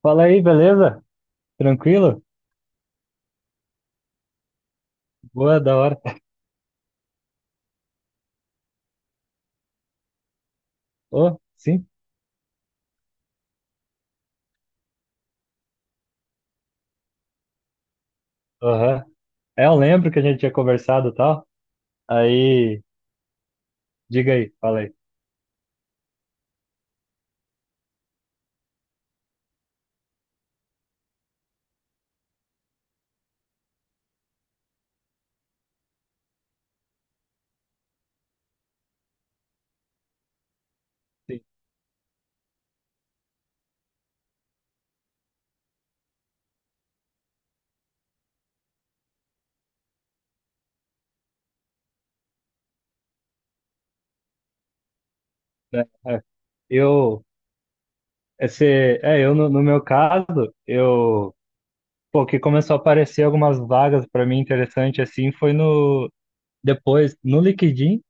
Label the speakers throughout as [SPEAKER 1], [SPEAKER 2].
[SPEAKER 1] Fala aí, beleza? Tranquilo? Boa, da hora. Ô, sim? Aham. É, eu lembro que a gente tinha conversado e tal. Aí, diga aí, fala aí. Sim. Né? É. Eu, esse, é, eu no, no meu caso, eu, pô, que começou a aparecer algumas vagas para mim interessante assim, foi no, depois, no LinkedIn,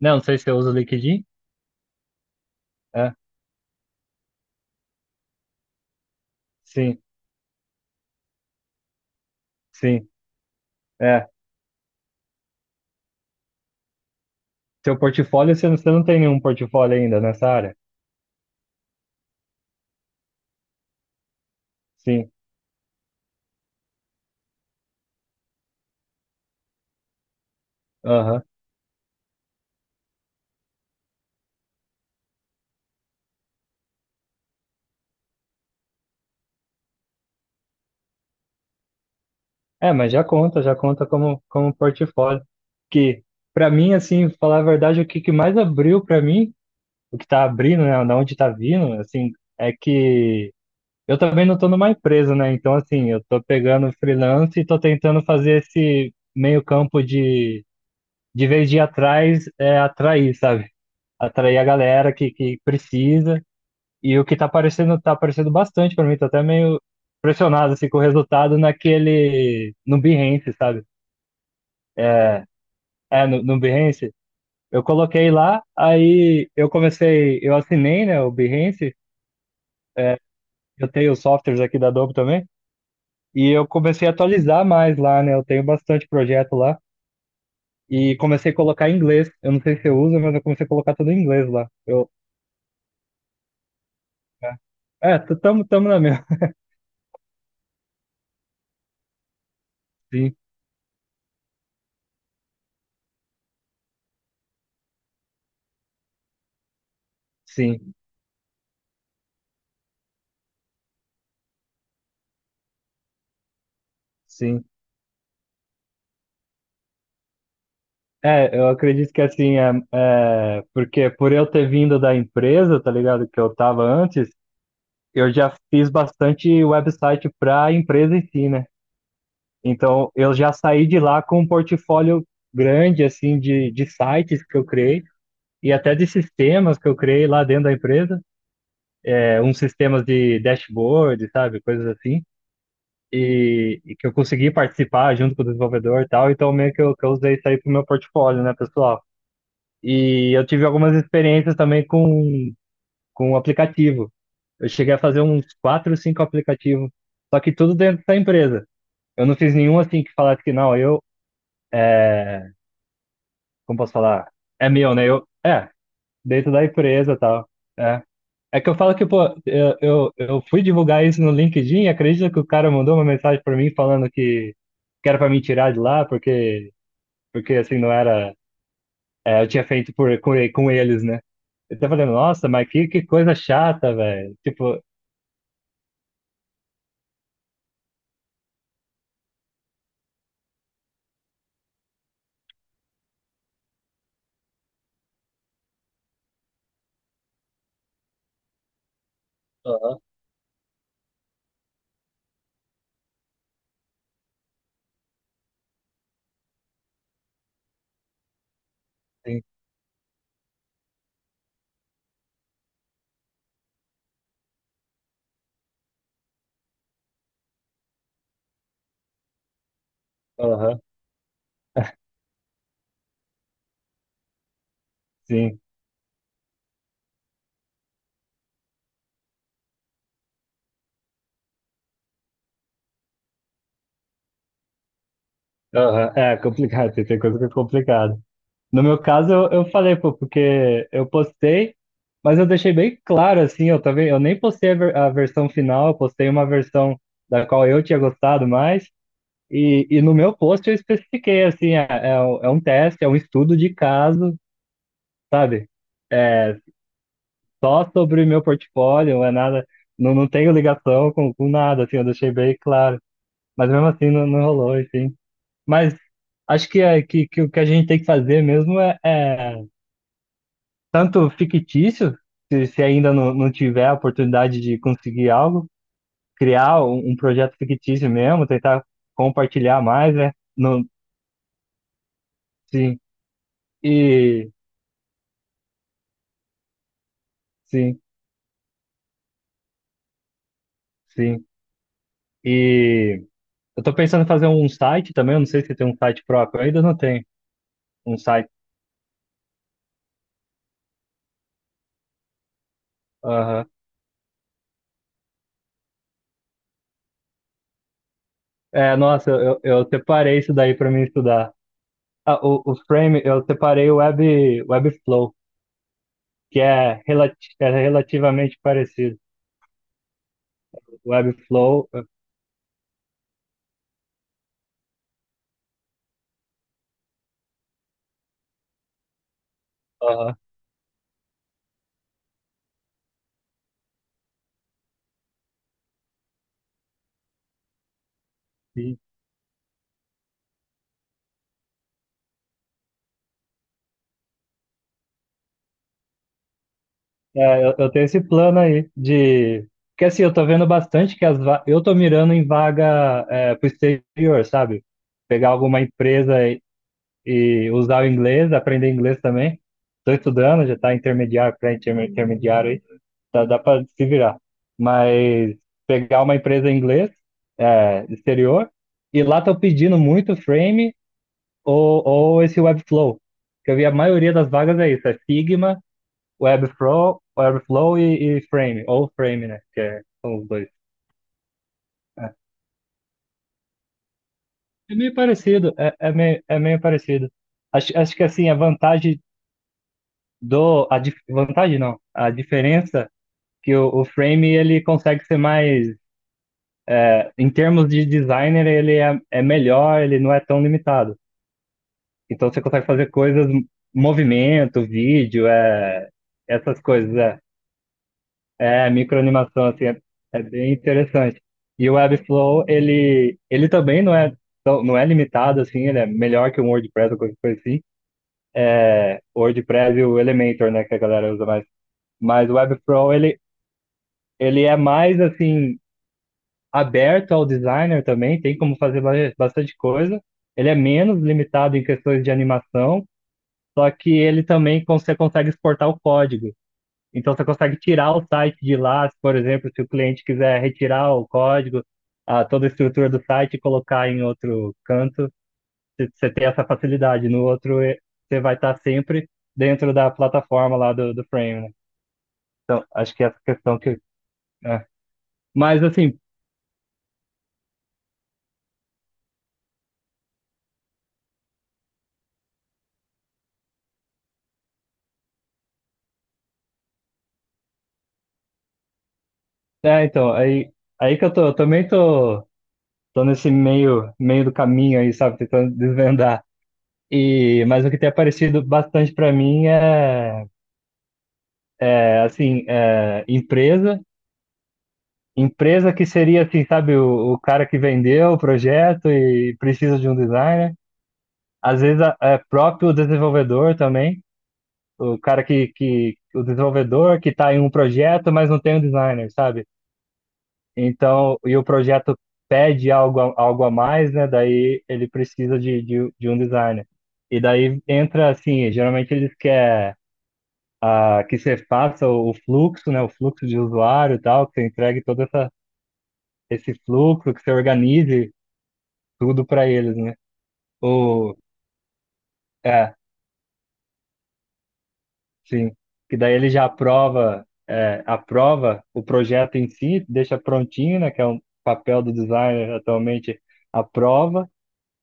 [SPEAKER 1] né? Não sei se eu uso o LinkedIn. É, sim, sim, é. Seu portfólio, você não tem nenhum portfólio ainda nessa área? Sim, aham. É, mas já conta como, como um portfólio. Que, pra mim, assim, falar a verdade, que mais abriu pra mim, o que tá abrindo, né, da onde tá vindo, assim, é que eu também não tô numa empresa, né? Então, assim, eu tô pegando freelance e tô tentando fazer esse meio campo de vez de ir atrás, é atrair, sabe? Atrair a galera que precisa. E o que tá aparecendo bastante pra mim, tô até meio pressionado, assim, com o resultado naquele, no Behance, sabe? É, é, no Behance, eu coloquei lá, aí eu comecei, eu assinei, né, o Behance, eu tenho os softwares aqui da Adobe também, e eu comecei a atualizar mais lá, né, eu tenho bastante projeto lá, e comecei a colocar em inglês, eu não sei se eu uso, mas eu comecei a colocar tudo em inglês lá. Eu, é, é, tamo, tamo na mesma. Sim, sim, sim. É, eu acredito que assim, é, é, porque por eu ter vindo da empresa, tá ligado, que eu tava antes, eu já fiz bastante website pra empresa em si, né? Então, eu já saí de lá com um portfólio grande, assim, de sites que eu criei e até de sistemas que eu criei lá dentro da empresa. É, uns sistemas de dashboard, sabe? Coisas assim. E que eu consegui participar junto com o desenvolvedor e tal. Então, meio que que eu usei isso aí pro meu portfólio, né, pessoal? E eu tive algumas experiências também com um aplicativo. Eu cheguei a fazer uns quatro, cinco aplicativos, só que tudo dentro da empresa. Eu não fiz nenhum assim que falasse que não, eu como posso falar? É meu, né? Eu, é, dentro da empresa e tal. É. É que eu falo que, pô, eu fui divulgar isso no LinkedIn, acredita que o cara mandou uma mensagem pra mim falando que era pra me tirar de lá, porque, porque assim, não era. É, eu tinha feito por, com, com eles, né? Eu tava falando, nossa, mas que coisa chata, velho. Tipo, aham, sim, aham, sim, aham. É complicado, tem coisa que é complicado. No meu caso, eu falei, pô, porque eu postei, mas eu deixei bem claro, assim, eu também, eu nem postei a, a versão final, eu postei uma versão da qual eu tinha gostado mais, e no meu post eu especifiquei, assim, é, é, um teste, é um estudo de caso, sabe? É só sobre o meu portfólio, não é nada, não, não tenho ligação com nada, assim, eu deixei bem claro, mas mesmo assim não, não rolou, enfim. Mas acho que, é, que o que a gente tem que fazer mesmo é tanto fictício, se ainda não, não tiver a oportunidade de conseguir algo, criar um, um projeto fictício mesmo, tentar compartilhar mais, né? Não, sim, e sim, sim. E eu tô pensando em fazer um site também, eu não sei se tem um site próprio, eu ainda não tenho um site. Aham. É, nossa, eu separei isso daí para mim estudar. Ah, o Frame, eu separei o Web, Webflow, que é, relati é relativamente parecido. Webflow, aham. É, eu tenho esse plano aí de. Porque assim, eu tô vendo bastante que eu tô mirando em vaga é, pro exterior, sabe? Pegar alguma empresa e usar o inglês, aprender inglês também. Tô estudando, já tá intermediário, pré-intermediário aí, tá, dá pra se virar. Mas pegar uma empresa em inglês, é, exterior, e lá tô pedindo muito Frame ou esse Webflow. Que eu vi a maioria das vagas é isso, é Figma Webflow, Webflow e Frame, ou Frame, né? Que é, são os dois. É, é meio parecido, é, é meio parecido. Acho, acho que assim, a vantagem do. Vantagem não, a diferença que o Frame ele consegue ser mais. É, em termos de designer, ele é, é melhor, ele não é tão limitado. Então você consegue fazer coisas, movimento, vídeo, é, essas coisas, é. É, microanimação, assim, é, é bem interessante. E o Webflow, ele também não é, não é limitado, assim, ele é melhor que o WordPress ou qualquer coisa assim. É, o WordPress e o Elementor, né, que a galera usa mais. Mas o Webflow, ele é mais, assim, aberto ao designer também, tem como fazer bastante coisa. Ele é menos limitado em questões de animação, só que ele também você consegue exportar o código. Então você consegue tirar o site de lá, se, por exemplo, se o cliente quiser retirar o código, a, toda a estrutura do site e colocar em outro canto, você tem essa facilidade. No outro, eh, você vai estar sempre dentro da plataforma lá do, do Frame, né? Então, acho que essa questão que. É. Mas assim, é, então, aí, aí que eu tô, eu também tô, tô nesse meio, meio do caminho aí, sabe, tentando desvendar. E, mas o que tem aparecido bastante para mim é, é assim, é, empresa que seria assim, sabe, o cara que vendeu o projeto e precisa de um designer. Às vezes é próprio desenvolvedor também, o cara que o desenvolvedor que está em um projeto, mas não tem um designer, sabe? Então, e o projeto pede algo, algo a mais, né? Daí ele precisa de um designer. E daí entra assim, geralmente eles querem ah, que você faça o fluxo, né? O fluxo de usuário e tal, que você entregue todo essa, esse fluxo, que você organize tudo para eles, né? Ou, é, sim. Que daí ele já aprova, é, aprova o projeto em si, deixa prontinho, né? Que é um papel do designer atualmente, aprova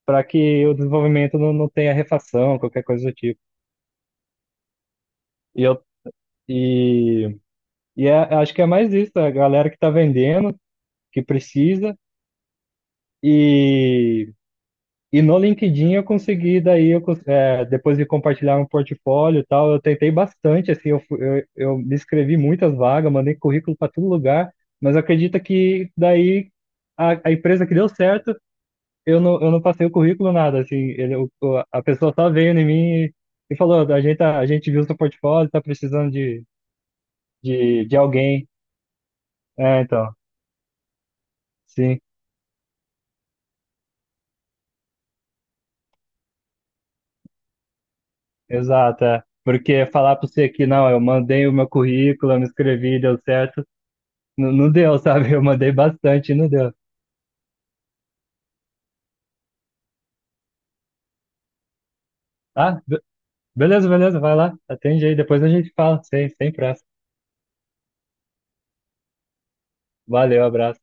[SPEAKER 1] para que o desenvolvimento não, não tenha refação, qualquer coisa do tipo. E eu e, acho que é mais isso, a galera que está vendendo, que precisa. E e no LinkedIn eu consegui, daí eu, eh, depois de compartilhar um portfólio e tal, eu tentei bastante, assim, eu, eu me inscrevi em muitas vagas, mandei currículo para todo lugar, mas acredita que daí a empresa que deu certo, eu não passei o currículo nada, assim, ele, a pessoa só veio em mim e falou, a gente, tá, a gente viu seu portfólio, tá precisando de alguém. É, então, sim, exato, é. Porque falar para você que não, eu mandei o meu currículo, eu me inscrevi, deu certo, não, não deu, sabe? Eu mandei bastante e não deu. Ah, beleza, beleza, vai lá. Atende aí, depois a gente fala. Sem, sem pressa. Valeu, abraço.